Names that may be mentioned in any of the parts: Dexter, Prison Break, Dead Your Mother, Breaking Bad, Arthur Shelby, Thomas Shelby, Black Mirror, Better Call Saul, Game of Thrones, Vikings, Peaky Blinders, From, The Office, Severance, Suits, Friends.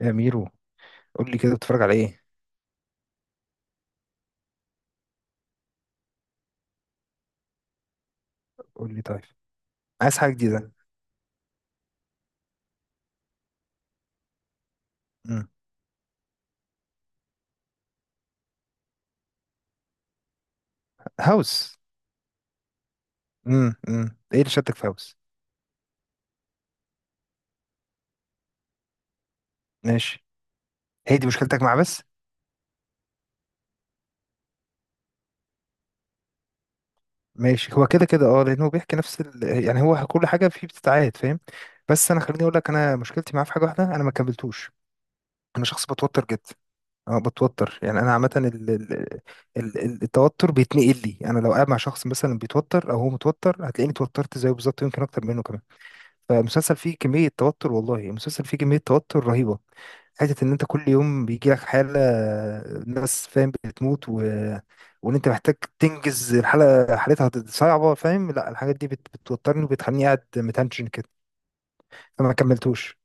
يا ميرو، قول لي كده بتتفرج على ايه؟ قول لي طيب، عايز حاجه جديده. مم. هاوس. ايه اللي شدك في هاوس؟ ماشي. هي دي مشكلتك مع بس؟ ماشي، هو كده كده، لانه بيحكي نفس يعني هو كل حاجه فيه بتتعاد، فاهم؟ بس انا خليني اقول لك، انا مشكلتي معاه في حاجه واحده، انا ما كملتوش. انا شخص بتوتر جدا. اه بتوتر، يعني انا عامه التوتر بيتنقل لي، انا لو قاعد مع شخص مثلا بيتوتر او هو متوتر هتلاقيني اتوترت زيه بالظبط، يمكن اكتر منه كمان. فالمسلسل فيه كمية توتر، والله المسلسل فيه كمية توتر رهيبة. حتة إن أنت كل يوم بيجيلك حالة، ناس فاهم بتموت وإن أنت محتاج تنجز، الحالة حالتها صعبة، فاهم؟ لا، الحاجات دي بتوترني وبتخليني قاعد متنشن كده. فما كملتوش.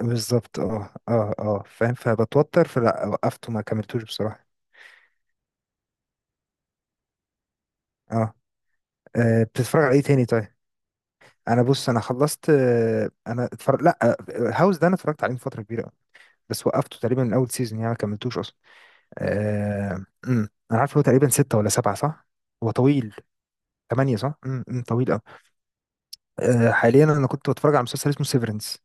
بالظبط، فاهم، فبتوتر، فلا، وقفت وما كملتوش بصراحة. اه بتتفرج على ايه تاني، طيب؟ انا بص، انا خلصت، انا اتفرج، لا، هاوس ده انا اتفرجت عليه من فترة كبيرة. بس وقفته تقريبا من اول سيزون، يعني ما كملتوش اصلا. آه، أمم. انا عارف إن هو تقريبا ستة ولا سبعة، صح؟ هو طويل. ثمانية، صح. أمم، أمم، طويل أوي. حاليا انا كنت بتفرج على مسلسل اسمه سيفرنس.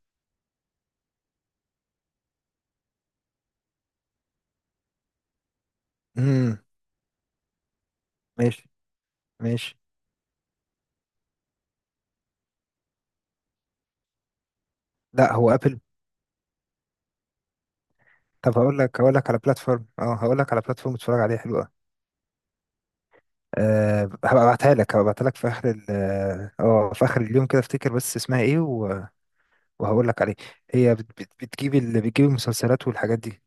امم. ماشي. ماشي. لا، هو ابل. طب، هقول لك على بلاتفورم، هقول لك على بلاتفورم تتفرج عليها حلوه. هبقى ابعتها لك في اخر في اخر اليوم كده، افتكر بس اسمها ايه وهقول لك عليه. هي بتجيب بتجيب المسلسلات والحاجات دي.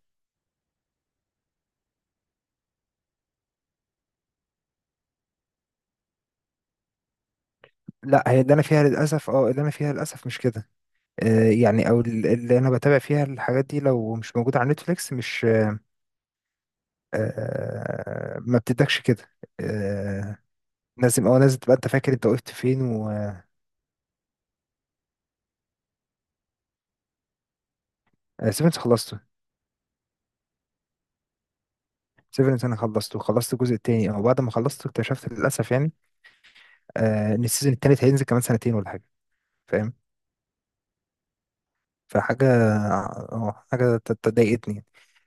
لا، هي اللي انا فيها للاسف، اللي انا فيها للاسف مش كده. يعني، اللي انا بتابع فيها الحاجات دي لو مش موجوده على نتفليكس، مش... ما بتدكش كده. آه. لازم تبقى انت فاكر انت وقفت فين سيفنس خلصته. سيفنس انا خلصته، خلصت الجزء التاني، او بعد ما خلصته اكتشفت للاسف يعني، ان السيزون التالت هينزل كمان سنتين ولا حاجه. فاهم. فحاجه اه آه، حاجه ضايقتني.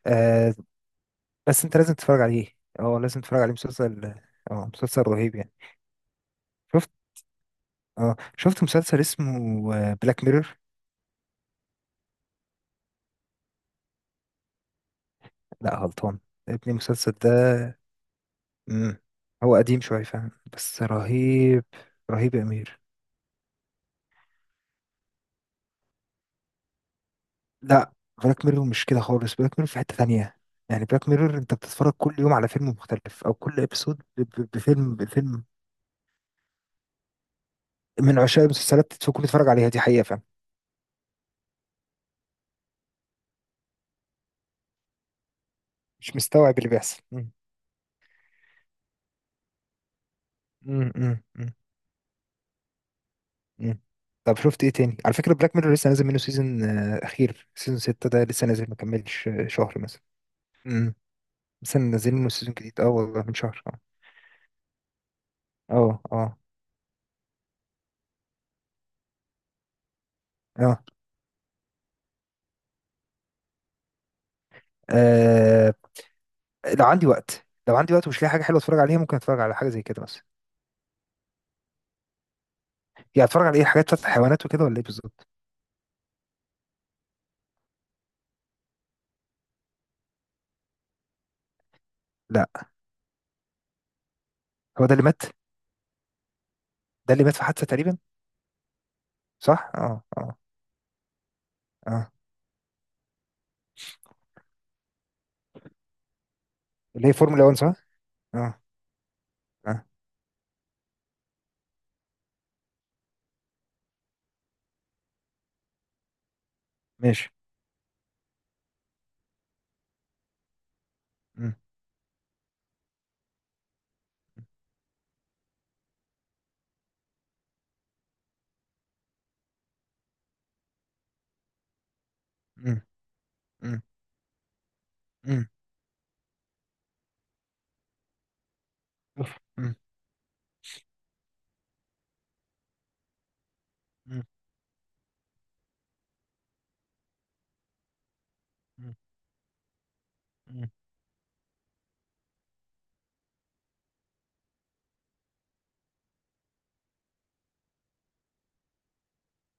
آه، بس انت لازم تتفرج عليه. اه لازم تتفرج عليه، مسلسل. اه مسلسل رهيب يعني. شفت؟ اه شفت مسلسل اسمه بلاك ميرور؟ لا، غلطان. ابني، المسلسل ده! مم. هو قديم شوية فعلا بس رهيب. رهيب يا أمير. لا، بلاك ميرور مش كده خالص، بلاك ميرور في حتة تانية. يعني بلاك ميرور انت بتتفرج كل يوم على فيلم مختلف، او كل ابيسود بفيلم. من عشاق المسلسلات تكون تتفرج عليها، دي حقيقة فعلا. مش مستوعب اللي بيحصل. مم. مم. مم. مم. مم. طب شفت ايه تاني؟ على فكرة بلاك ميرور لسه نازل منه سيزون، اخير سيزون ستة ده لسه نازل، ما كملش شهر مثلا. مم. لسه نازل منه سيزون جديد، والله من شهر اه اه اه آه، لو عندي وقت، لو عندي وقت ومش لاقي حاجه حلوه اتفرج عليها، ممكن اتفرج على حاجه زي كده مثلا. يعني اتفرج على ايه، حاجات بتاعت الحيوانات وكده، ولا ايه بالظبط؟ لا، هو ده اللي مات؟ ده اللي مات في حادثه تقريبا. صح، اه اللي هي فورمولا 1، صح. اه اه ماشي. م-، م-، م-، م-، أوف، م-، م-، م-، م-،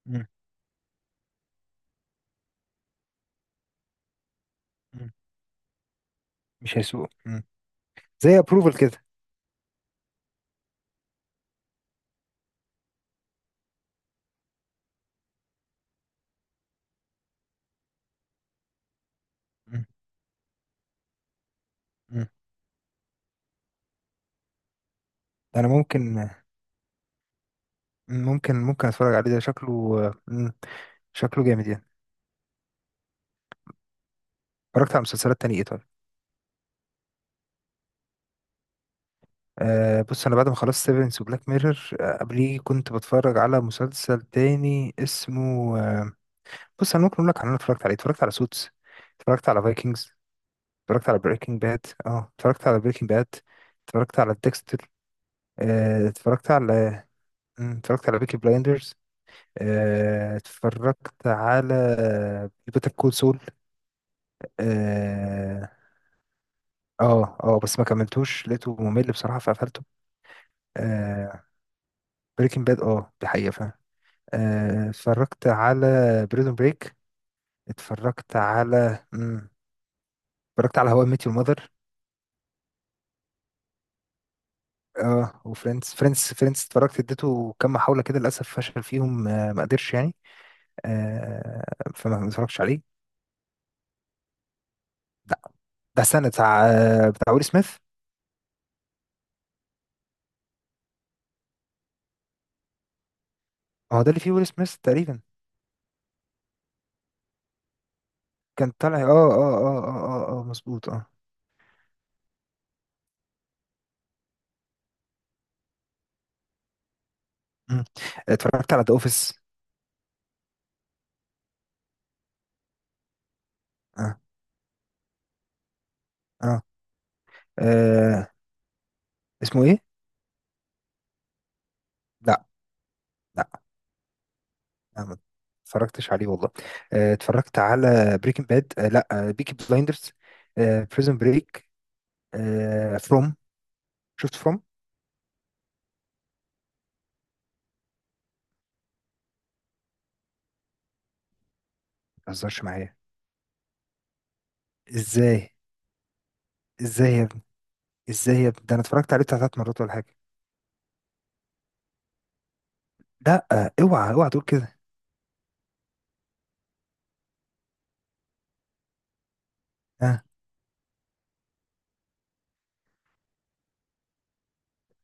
م-، م. مش هيسوق، م. زي ابروفل كده. م-. م. انا، ممكن اتفرج عليه، ده شكله، م. شكله جامد يعني. اتفرجت على مسلسلات تانية ايه، طيب؟ بص، انا بعد ما خلصت سيفنس وبلاك ميرور قبليه كنت بتفرج على مسلسل تاني اسمه، بص انا ممكن اقول لك على اللي انا اتفرجت عليه. اتفرجت على سوتس. اتفرجت على فايكنجز. اتفرجت على بريكنج باد، اتفرجت على بريكنج باد. اتفرجت على ديكستر. اتفرجت على، مم، اتفرجت على بيكي بلايندرز. اتفرجت على بيتر كول سول. اه بس ما كملتوش، لقيته ممل بصراحة فقفلته. آه. بريكنج باد، دي حقيقة فعلا. اتفرجت على بريزون بريك. اتفرجت على اتفرجت على هواء ميت يور ماذر. اه وفريندز، فريندز اتفرجت، اديته كام محاولة كده للأسف فشل فيهم، ما قدرش يعني. آه، فما ما اتفرجتش عليه. ده ده السنة بتاع بتاع ويل سميث؟ هو ده اللي فيه ويل سميث تقريبا؟ كان طالع، مظبوط، اه. مم. اتفرجت على ذا اوفيس. اه اه آه، اسمه ايه؟ لا، أنا ما اتفرجتش عليه والله. اتفرجت على بريكنج باد، لا، بيكي بلايندرز، بريزن بريك، فروم. شفت فروم؟ ما تهزرش معايا. ازاي؟ ازاي يا ابني؟ ازاي يا ابني؟ ده انا اتفرجت عليه بتاع ثلاث مرات ولا حاجه. لا، اوعى اوعى تقول كده. آه.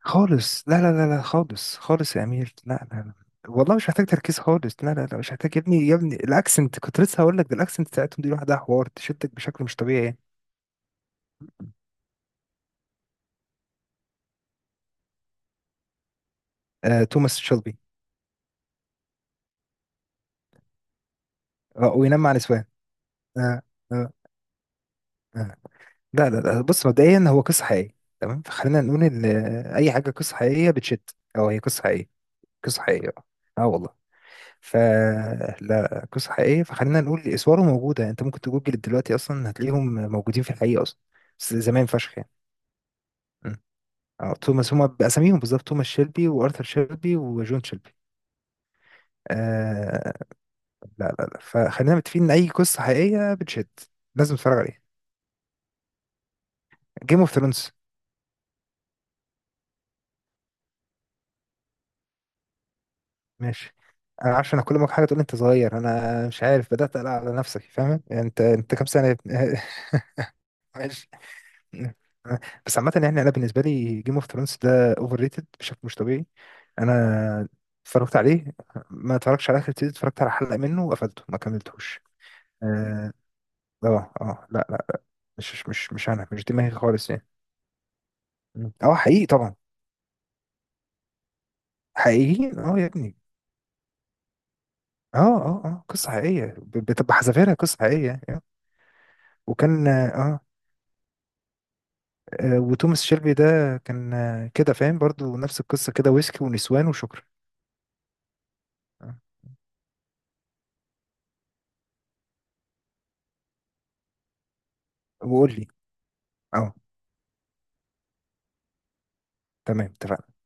خالص، لا، لا، لا، لا، خالص، خالص يا امير، لا، لا، لا. والله مش محتاج تركيز خالص، لا، لا، لا، مش محتاج يا ابني، يا ابني الاكسنت، كنت لسه هقول لك ده الاكسنت بتاعتهم دي لوحدها حوار تشدك بشكل مش طبيعي يعني. توماس شيلبي. وينام مع نسوان. آه، آه، آه. لا، لا، لا، بص مبدئيا هو قصة حقيقية تمام، فخلينا نقول ان اي حاجة قصة حقيقية بتشد. او هي قصة حقيقية. قصة حقيقية، اه. آه والله. ف لا، قصة حقيقية، فخلينا نقول اسواره موجودة، انت ممكن تجوجل دلوقتي اصلا هتلاقيهم موجودين في الحقيقة اصلا. بس زمان فشخ يعني. م. اه توماس، هما باساميهم بالظبط، توماس شيلبي وارثر شيلبي وجون شيلبي. آه. لا، لا، لا، فخلينا متفقين ان اي قصة حقيقية بتشد لازم تتفرج عليها. جيم اوف ثرونز. ماشي. انا عارف، انا كل ما حاجه تقول لي انت صغير انا مش عارف، بدات اقلق على نفسك، فاهم يعني، انت كام سنه يا ابني؟ ماشي. بس عامه يعني، انا بالنسبه لي جيم اوف ثرونز ده اوفر ريتد بشكل مش طبيعي. انا اتفرجت عليه. ما اتفرجتش على اخر سيزون، اتفرجت على حلقه منه وقفلته، ما كملتوش. اه لا، لا، مش، مش، مش انا، مش دماغي خالص يعني. مم. اه حقيقي طبعا. حقيقي، اه يا ابني. اه قصه حقيقيه، بتبقى حذافيرها قصه حقيقيه وكان وتوماس شيلبي ده كان كده، فاهم، برضو نفس القصة كده، ويسكي ونسوان وشكرا. آه، وقول لي، اه، تمام، اتفقنا.